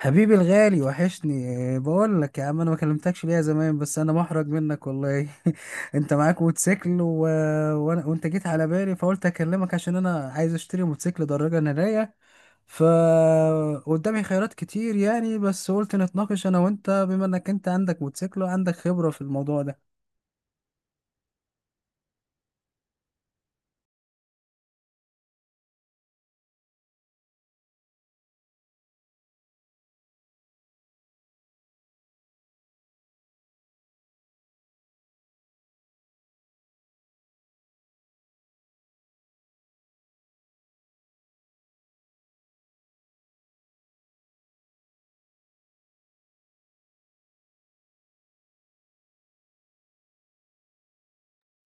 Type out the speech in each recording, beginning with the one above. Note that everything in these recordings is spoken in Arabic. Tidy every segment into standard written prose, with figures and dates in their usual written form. حبيبي الغالي وحشني. بقول لك يا عم انا ما كلمتكش ليا زمان بس انا محرج منك والله. انت معاك موتوسيكل وانا وانت جيت على بالي فقلت اكلمك عشان انا عايز اشتري موتوسيكل دراجة نارية. ف قدامي خيارات كتير يعني، بس قلت نتناقش انا وانت بما انك انت عندك موتوسيكل وعندك خبرة في الموضوع ده.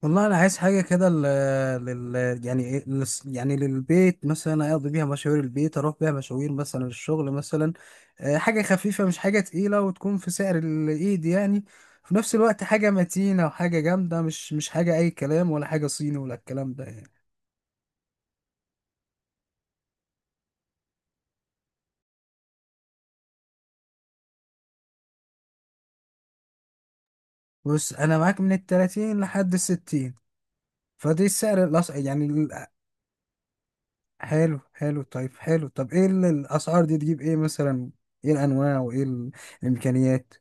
والله انا عايز حاجه كده لل... لل... يعني إيه- للس- يعني للبيت مثلا، اقضي بيها مشاوير البيت، اروح بيها مشاوير مثلا الشغل مثلا. حاجه خفيفه مش حاجه تقيله، وتكون في سعر الايد يعني. في نفس الوقت حاجه متينه وحاجه جامده، مش حاجه اي كلام، ولا حاجه صيني ولا الكلام ده يعني. بص انا معاك من ال30 لحد ال60، فدي السعر حلو حلو طيب حلو. طب ايه الاسعار دي تجيب ايه مثلا؟ ايه الانواع وايه الامكانيات؟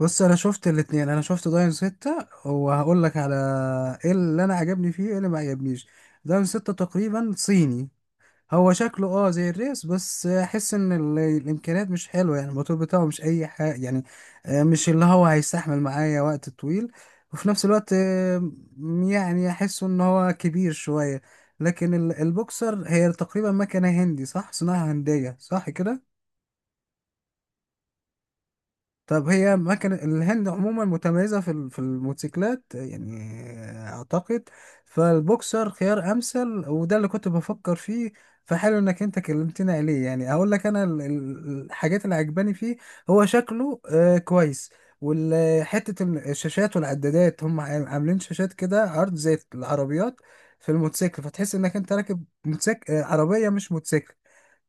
بص انا شفت الاتنين، انا شفت داين 6 وهقول لك على ايه اللي انا عجبني فيه ايه اللي ما عجبنيش. داين 6 تقريبا صيني، هو شكله زي الريس، بس احس ان الامكانيات مش حلوه يعني، الموتور بتاعه مش اي حاجه يعني. مش اللي هو هيستحمل معايا وقت طويل، وفي نفس الوقت يعني احسه ان هو كبير شويه. لكن البوكسر هي تقريبا مكنه هندي، صح؟ صناعه هنديه، صح كده. طب هي ما كان الهند عموما متميزة في الموتوسيكلات يعني، أعتقد. فالبوكسر خيار أمثل، وده اللي كنت بفكر فيه. فحلو إنك أنت كلمتني عليه، يعني أقول لك أنا الحاجات اللي عجباني فيه. هو شكله كويس، وحتة الشاشات والعدادات هم عاملين شاشات كده عرض زي العربيات في الموتوسيكل، فتحس إنك أنت راكب موتوسيكل عربية مش موتوسيكل.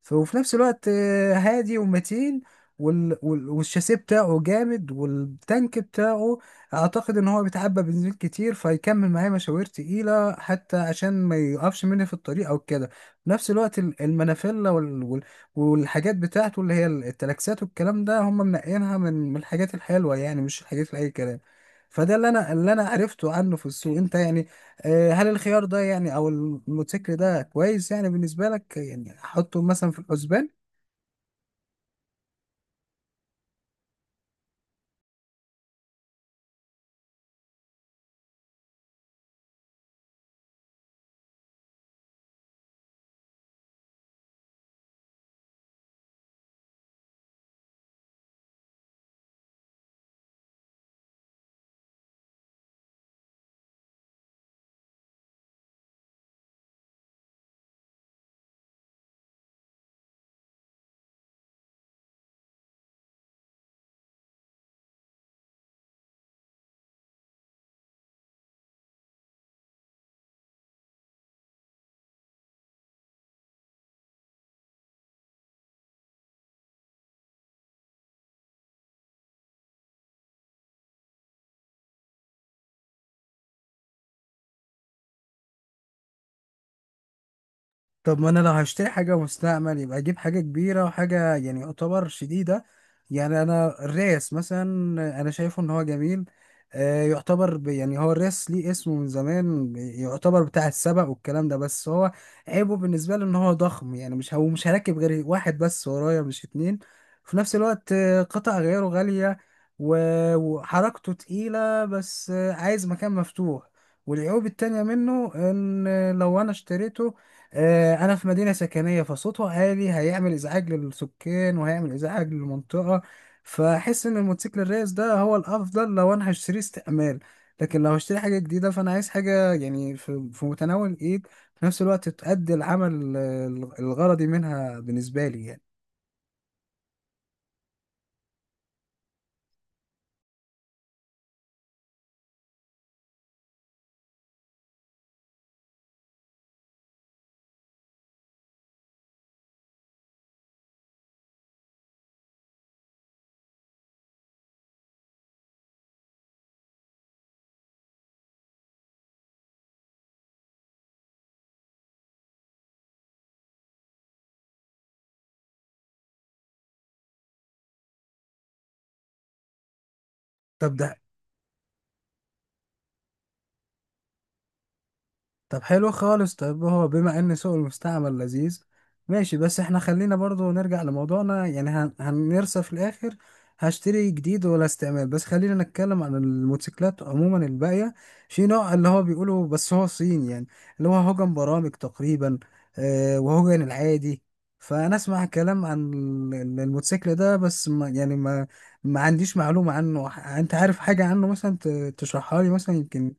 وفي نفس الوقت هادي ومتين، والشاسيه بتاعه جامد، والتانك بتاعه اعتقد ان هو بيتعبى بنزين كتير فيكمل معايا مشاوير تقيله، حتى عشان ما يقفش مني في الطريق او كده. في نفس الوقت المنافيلا والحاجات بتاعته اللي هي التلاكسات والكلام ده، هم منقينها من الحاجات الحلوه يعني، مش الحاجات لاي كلام. فده اللي انا عرفته عنه في السوق، انت يعني، هل الخيار ده يعني، او الموتوسيكل ده كويس يعني بالنسبه لك، يعني احطه مثلا في الحسبان؟ طب ما انا لو هشتري حاجة مستعمل يبقى اجيب حاجة كبيرة وحاجة يعني يعتبر شديدة. يعني انا الريس مثلا، انا شايفه ان هو جميل. يعني هو الريس ليه اسمه من زمان، يعتبر بتاع السبق والكلام ده، بس هو عيبه بالنسبة لي ان هو ضخم، يعني مش هركب غير واحد بس ورايا، مش اتنين. في نفس الوقت قطع غيره غالية، وحركته تقيلة، بس عايز مكان مفتوح. والعيوب التانية منه ان لو انا اشتريته، انا في مدينه سكنيه، فصوته عالي، هيعمل ازعاج للسكان وهيعمل ازعاج للمنطقه. فاحس ان الموتوسيكل الريس ده هو الافضل لو انا هشتري استعمال، لكن لو هشتري حاجه جديده فانا عايز حاجه يعني في متناول الايد، في نفس الوقت تؤدي العمل الغرضي منها بالنسبه لي يعني. طب ده طب حلو خالص. طب هو بما ان سوق المستعمل لذيذ، ماشي، بس احنا خلينا برضو نرجع لموضوعنا يعني، هنرسى في الاخر هشتري جديد ولا استعمال. بس خلينا نتكلم عن الموتوسيكلات عموما الباقية. في نوع اللي هو بيقولوا بس هو صين يعني، اللي هو هوجن برامج تقريبا، وهوجن العادي. فانا اسمع كلام عن الموتوسيكل ده، بس ما يعني ما ما عنديش معلومة عنه. انت عارف حاجة عنه مثلا تشرحها لي مثلا يمكن؟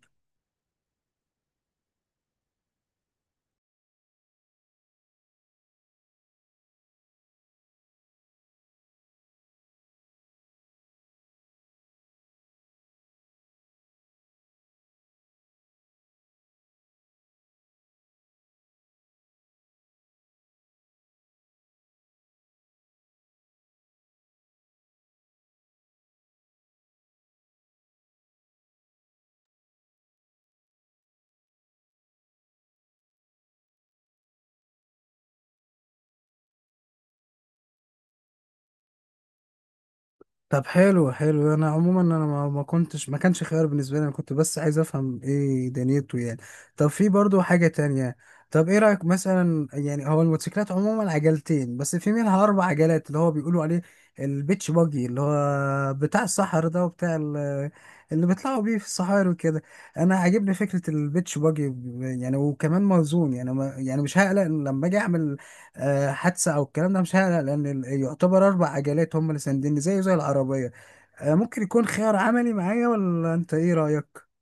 طب حلو حلو، انا عموما انا ما كانش خيار بالنسبه لي، انا كنت بس عايز افهم ايه دنيته يعني. طب في برضو حاجه تانية، طب ايه رايك مثلا؟ يعني هو الموتوسيكلات عموما عجلتين، بس في منها 4 عجلات اللي هو بيقولوا عليه البيتش باجي، اللي هو بتاع الصحر ده وبتاع اللي بيطلعوا بيه في الصحاري وكده. انا عاجبني فكره البيتش باجي، يعني وكمان موزون، يعني ما يعني مش هقلق لما اجي اعمل حادثه او الكلام ده، مش هقلق لان يعتبر 4 عجلات هم اللي سانديني، زيه زي العربيه. ممكن يكون خيار عملي معايا، ولا انت ايه رايك؟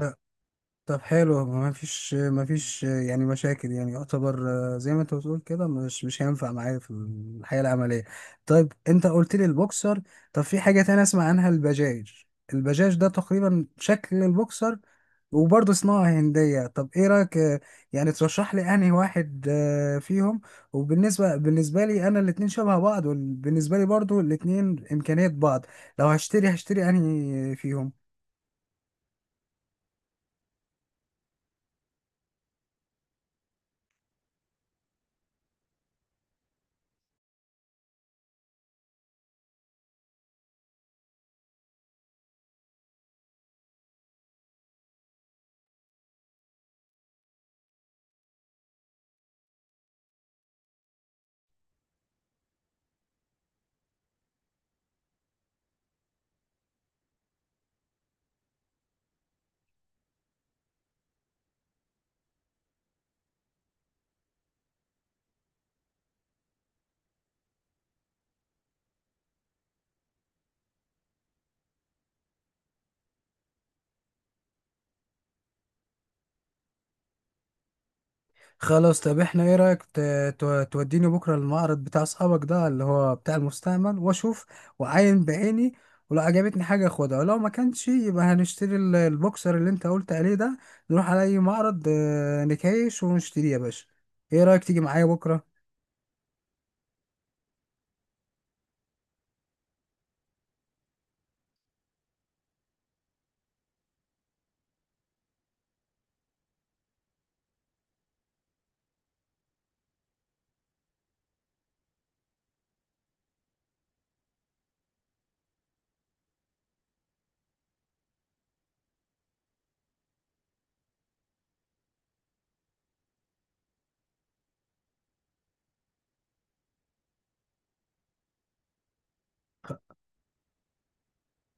آه، طب حلو، ما فيش يعني مشاكل، يعني يعتبر زي ما انت بتقول كده، مش هينفع معايا في الحياة العملية. طيب انت قلت لي البوكسر، طب في حاجة تانية اسمع عنها، البجاج. البجاج ده تقريبا شكل البوكسر، وبرضه صناعة هندية. طب ايه رأيك، يعني ترشح لي انهي واحد فيهم؟ وبالنسبة لي انا الاتنين شبه بعض، وبالنسبة لي برضه الاتنين امكانيات بعض، لو هشتري انهي فيهم؟ خلاص، طب احنا ايه رأيك توديني بكرة المعرض بتاع اصحابك ده، اللي هو بتاع المستعمل، واشوف واعاين بعيني. ولو عجبتني حاجة اخدها، ولو ما كانش يبقى هنشتري البوكسر اللي انت قلت عليه ده، نروح على اي معرض نكايش ونشتريه يا باشا. ايه رأيك تيجي معايا بكرة؟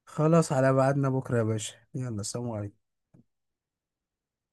خلاص، على بعدنا بكرة يا باشا، يلا سلام عليكم.